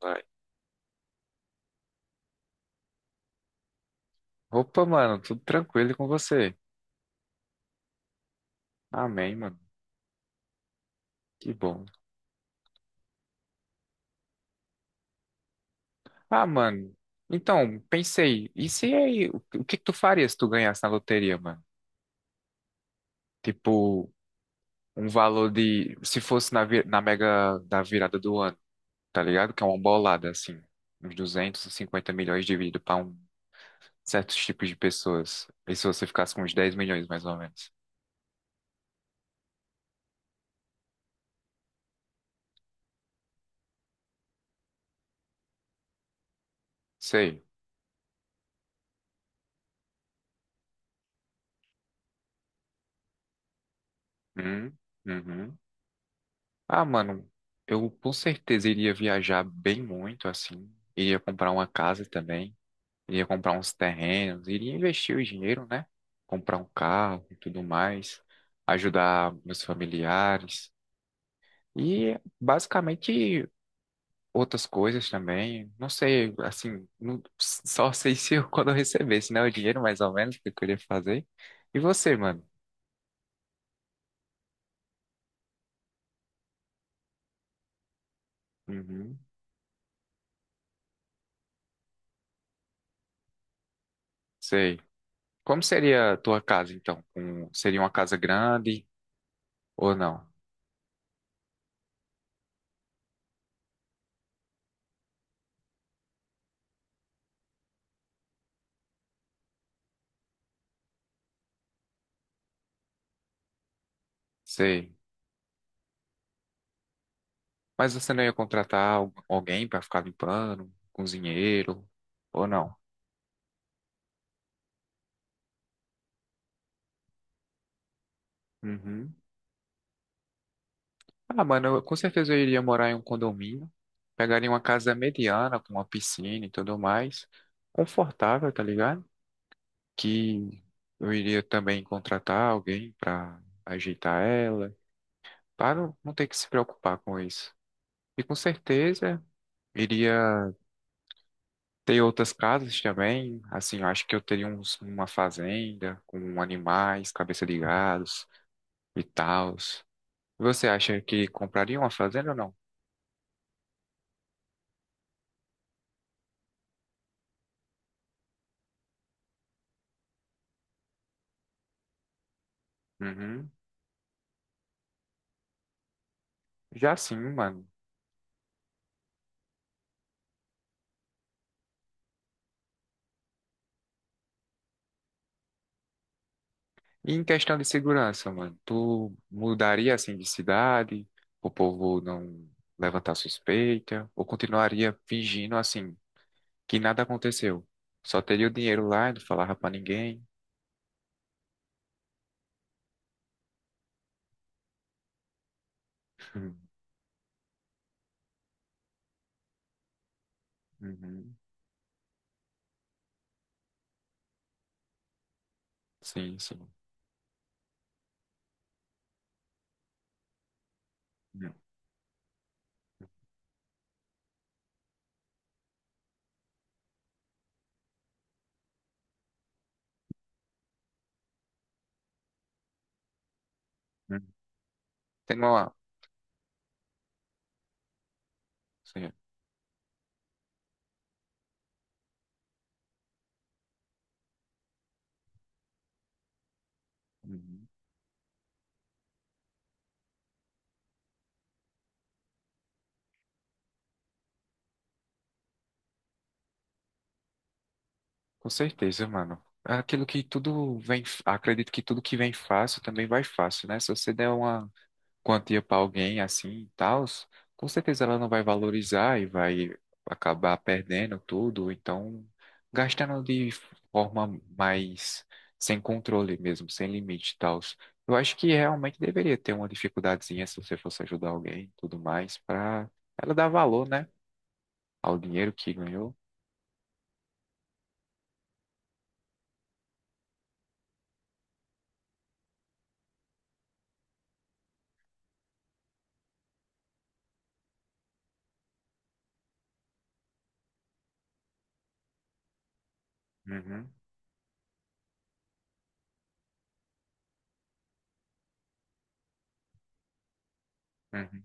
Vai. Opa, mano, tudo tranquilo e com você? Amém, mano. Que bom. Ah, mano, então, pensei, e se aí, o que que tu faria se tu ganhasse na loteria, mano? Tipo, um valor de, se fosse na mega da virada do ano, tá ligado? Que é uma bolada, assim, uns 250 milhões dividido pra um certos tipos de pessoas. E se você ficasse com uns 10 milhões, mais ou menos? Sei. Hum, uhum. Ah, mano, eu com certeza iria viajar bem muito, assim. Iria comprar uma casa também. Iria comprar uns terrenos. Iria investir o dinheiro, né? Comprar um carro e tudo mais. Ajudar meus familiares. E basicamente outras coisas também. Não sei, assim, só sei se eu, quando eu recebesse, né? O dinheiro, mais ou menos, que eu queria fazer. E você, mano? Uhum, sei. Como seria a tua casa, então? Seria uma casa grande ou não? Sei. Mas você não ia contratar alguém pra ficar limpando, cozinheiro, ou não? Uhum. Ah, mano, eu, com certeza eu iria morar em um condomínio, pegaria uma casa mediana, com uma piscina e tudo mais, confortável, tá ligado? Que eu iria também contratar alguém pra ajeitar ela, para não ter que se preocupar com isso. E com certeza iria. Tem outras casas também, assim, eu acho que eu teria uma fazenda com animais, cabeça de gados e tals. Você acha que compraria uma fazenda ou não? Uhum. Já sim, mano. E em questão de segurança, mano, tu mudaria assim de cidade, o povo não levantar suspeita, ou continuaria fingindo assim, que nada aconteceu? Só teria o dinheiro lá e não falava pra ninguém. Uhum. Sim, sim. Uhum. Tem uma. Uhum. Com certeza, mano. É aquilo que tudo vem, acredito que tudo que vem fácil também vai fácil, né? Se você der uma quantia pra alguém assim e tal, com certeza ela não vai valorizar e vai acabar perdendo tudo, então gastando de forma mais sem controle mesmo, sem limite e tal. Eu acho que realmente deveria ter uma dificuldadezinha se você fosse ajudar alguém e tudo mais, pra ela dar valor, né? Ao dinheiro que ganhou. Uhum, uhum.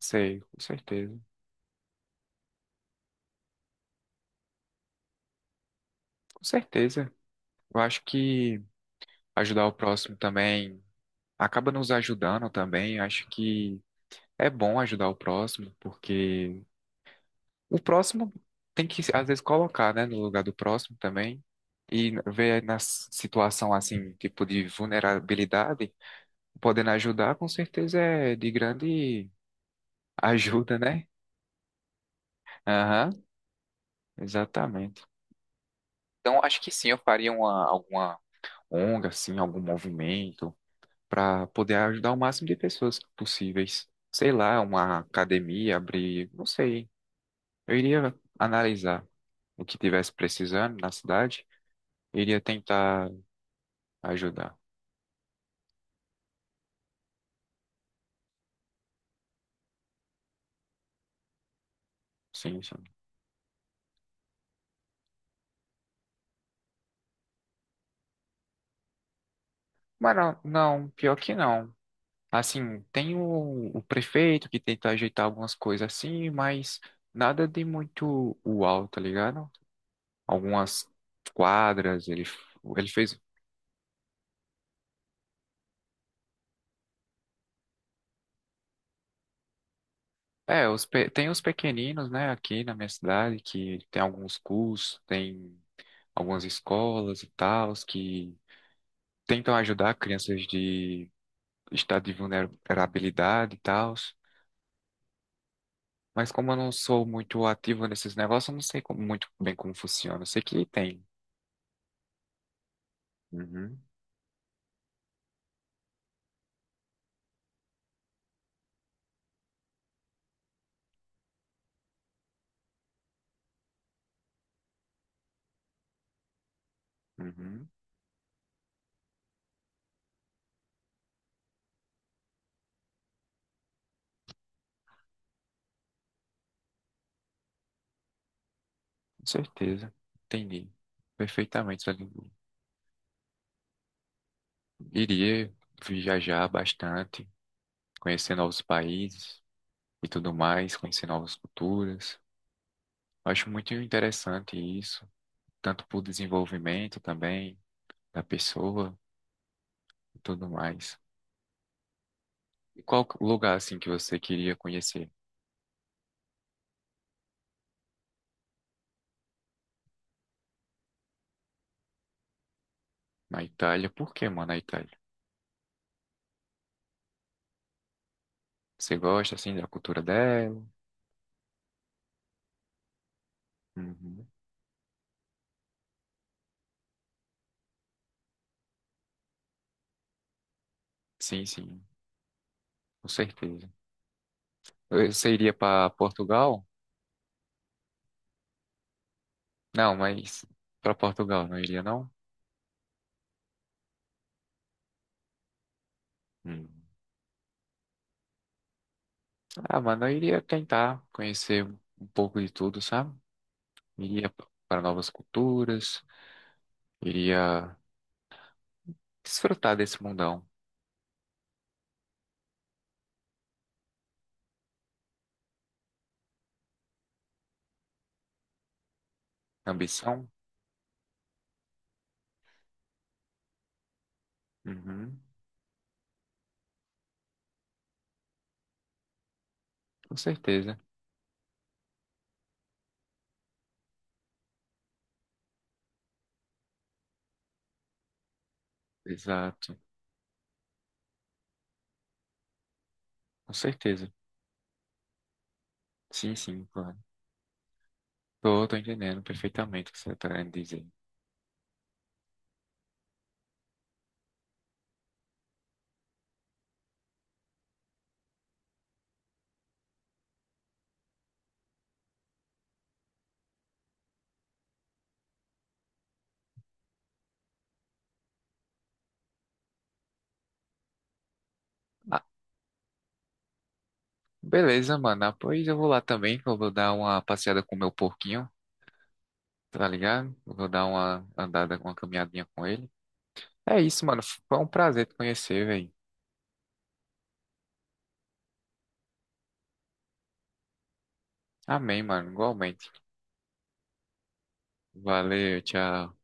Sei, com certeza. Com certeza. Eu acho que ajudar o próximo também acaba nos ajudando também. Eu acho que é bom ajudar o próximo, porque o próximo tem que, às vezes, colocar, né, no lugar do próximo também. E ver na situação assim, tipo de vulnerabilidade, podendo ajudar, com certeza é de grande ajuda, né? Aham, exatamente. Então, acho que sim, eu faria uma, alguma ONG, assim, algum movimento para poder ajudar o máximo de pessoas possíveis. Sei lá, uma academia, abrir, não sei. Eu iria analisar o que tivesse precisando na cidade, iria tentar ajudar. Sim, sim. Mas não, não, pior que não. Assim, tem o prefeito que tenta ajeitar algumas coisas assim, mas nada de muito uau, tá ligado? Algumas quadras, ele fez. É, tem os pequeninos, né, aqui na minha cidade, que tem alguns cursos, tem algumas escolas e tal, que tentam ajudar crianças de estado de vulnerabilidade e tal. Mas como eu não sou muito ativo nesses negócios, eu não sei muito bem como funciona. Eu sei que tem. Uhum, uhum, com certeza. Entendi. Perfeitamente. Eu iria viajar bastante, conhecer novos países e tudo mais, conhecer novas culturas. Acho muito interessante isso, tanto para o desenvolvimento também da pessoa e tudo mais. E qual lugar assim que você queria conhecer? Na Itália? Por que, mano, na Itália? Você gosta assim da cultura dela? Uhum. Sim, sim, com certeza. Você iria para Portugal? Não, mas para Portugal não iria não? Hum. Ah, mano, eu iria tentar conhecer um pouco de tudo, sabe? Iria para novas culturas, iria desfrutar desse mundão. Ambição? Uhum. Com certeza. Exato. Com certeza. Sim, sim, claro. Tô entendendo perfeitamente o que você tá querendo dizer. Ah, beleza, mano. Ah, pois eu vou lá também, que eu vou dar uma passeada com o meu porquinho, tá ligado? Eu vou dar uma andada, uma caminhadinha com ele. É isso, mano. Foi um prazer te conhecer, velho. Amém, mano. Igualmente. Valeu, tchau.